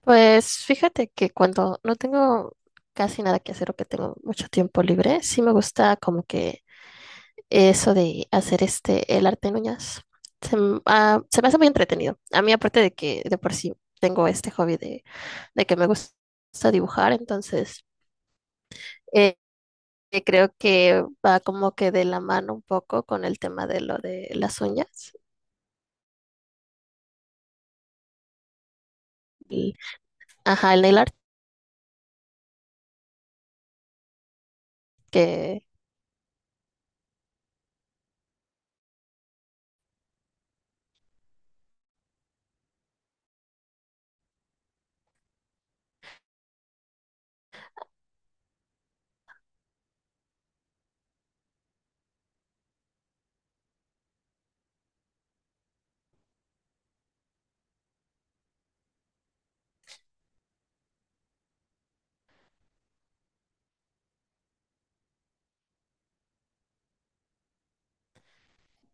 Pues fíjate que cuando no tengo casi nada que hacer o que tengo mucho tiempo libre, sí me gusta como que eso de hacer el arte en uñas. Se me hace muy entretenido. A mí, aparte de que de por sí tengo este hobby de que me gusta dibujar, entonces eh, creo que va como que de la mano un poco con el tema de lo de las uñas. Y, ajá, el nail art.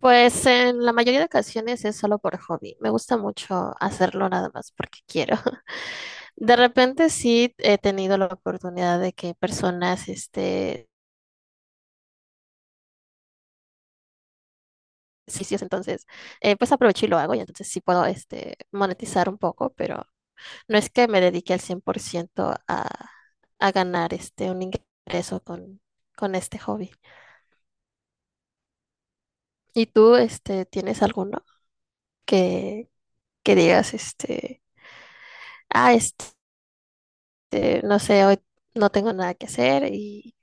Pues en la mayoría de ocasiones es solo por hobby. Me gusta mucho hacerlo nada más porque quiero. De repente sí he tenido la oportunidad de que personas, servicios, entonces, pues aprovecho y lo hago y entonces sí puedo, monetizar un poco, pero no es que me dedique al 100% a ganar, un ingreso con este hobby. ¿Y tú, tienes alguno que, que digas, ah, este no sé, hoy no tengo nada que hacer y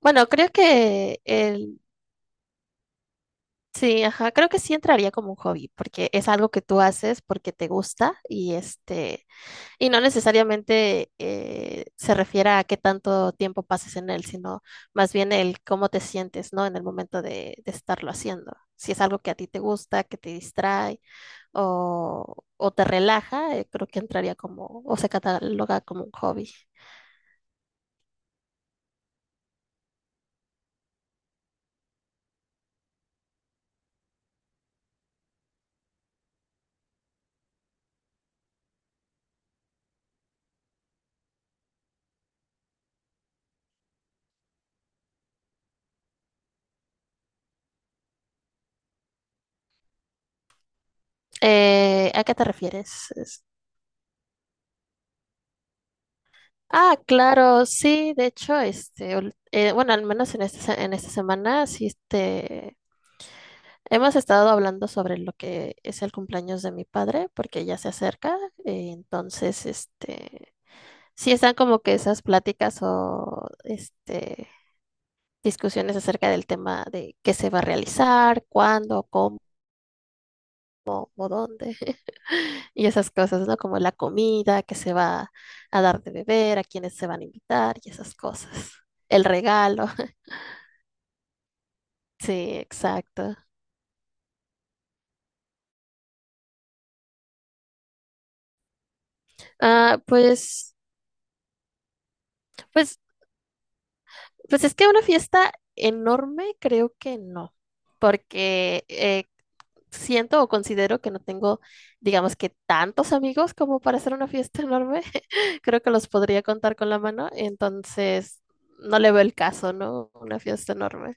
bueno, creo que sí, ajá, creo que sí entraría como un hobby, porque es algo que tú haces porque te gusta y y no necesariamente se refiere a qué tanto tiempo pases en él, sino más bien el cómo te sientes, ¿no? En el momento de estarlo haciendo. Si es algo que a ti te gusta, que te distrae o te relaja, creo que entraría como, o se cataloga como un hobby. ¿A qué te refieres? Es-. Ah, claro, sí, de hecho, bueno, al menos en en esta semana, sí, hemos estado hablando sobre lo que es el cumpleaños de mi padre, porque ya se acerca, entonces, sí están como que esas pláticas o discusiones acerca del tema de qué se va a realizar, cuándo, o dónde. Y esas cosas, ¿no? Como la comida que se va a dar de beber, a quienes se van a invitar y esas cosas. El regalo. Sí, exacto. Ah, pues, pues, pues es que una fiesta enorme creo que no, porque siento o considero que no tengo, digamos que tantos amigos como para hacer una fiesta enorme. Creo que los podría contar con la mano, entonces no le veo el caso, ¿no? Una fiesta enorme.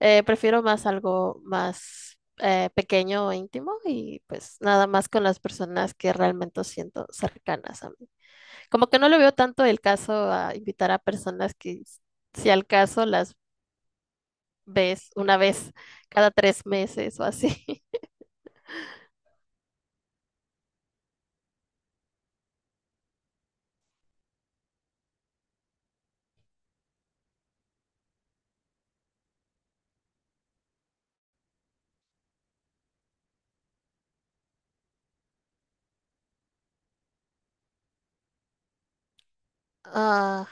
Prefiero más algo más pequeño o íntimo y pues nada más con las personas que realmente siento cercanas a mí. Como que no le veo tanto el caso a invitar a personas si al caso las ves una vez cada 3 meses o así. Ajá,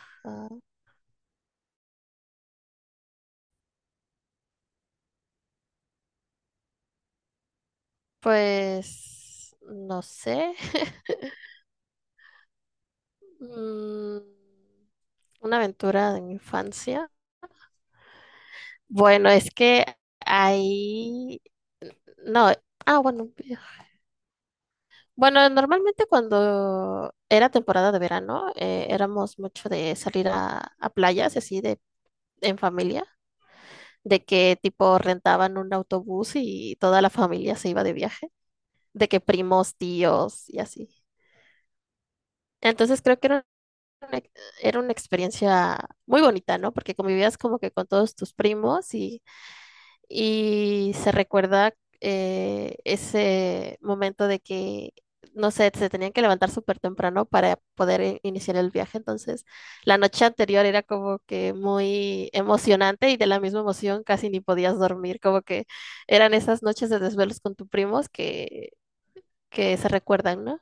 pues no sé. Mm, una aventura de mi infancia. Bueno, es que ahí... No, bueno. Bueno, normalmente cuando era temporada de verano, éramos mucho de salir a playas, así de en familia, de que tipo rentaban un autobús y toda la familia se iba de viaje, de que primos, tíos y así. Entonces creo que una, era una experiencia muy bonita, ¿no? Porque convivías como que con todos tus primos y se recuerda ese momento de que, no sé, se tenían que levantar súper temprano para poder iniciar el viaje. Entonces, la noche anterior era como que muy emocionante y de la misma emoción casi ni podías dormir, como que eran esas noches de desvelos con tus primos que se recuerdan, ¿no?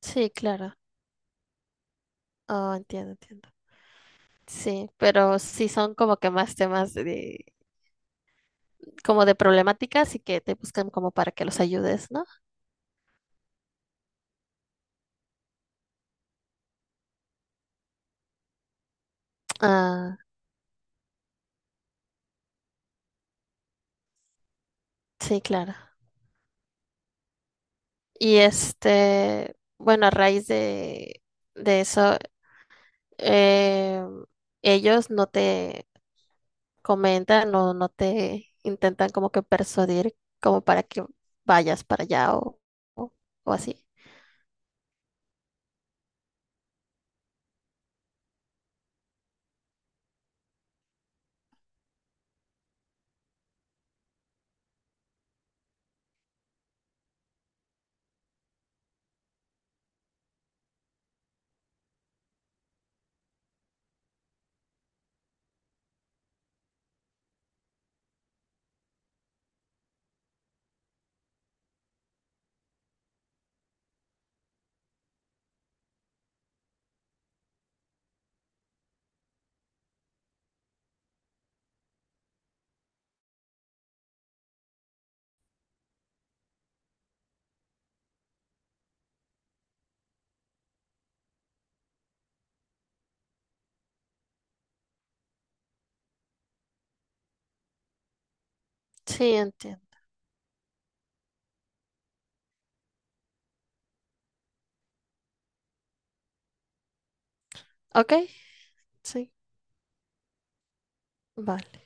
Sí, claro. Oh, entiendo, entiendo. Sí, pero sí son como que más temas de, como de problemáticas y que te buscan como para que los ayudes, ¿no? Ah, sí, claro. Y este, bueno, a raíz de eso, eh, ellos no te comentan o no te intentan como que persuadir como para que vayas para allá o, o así. Sí, entiendo. Ok, sí, vale.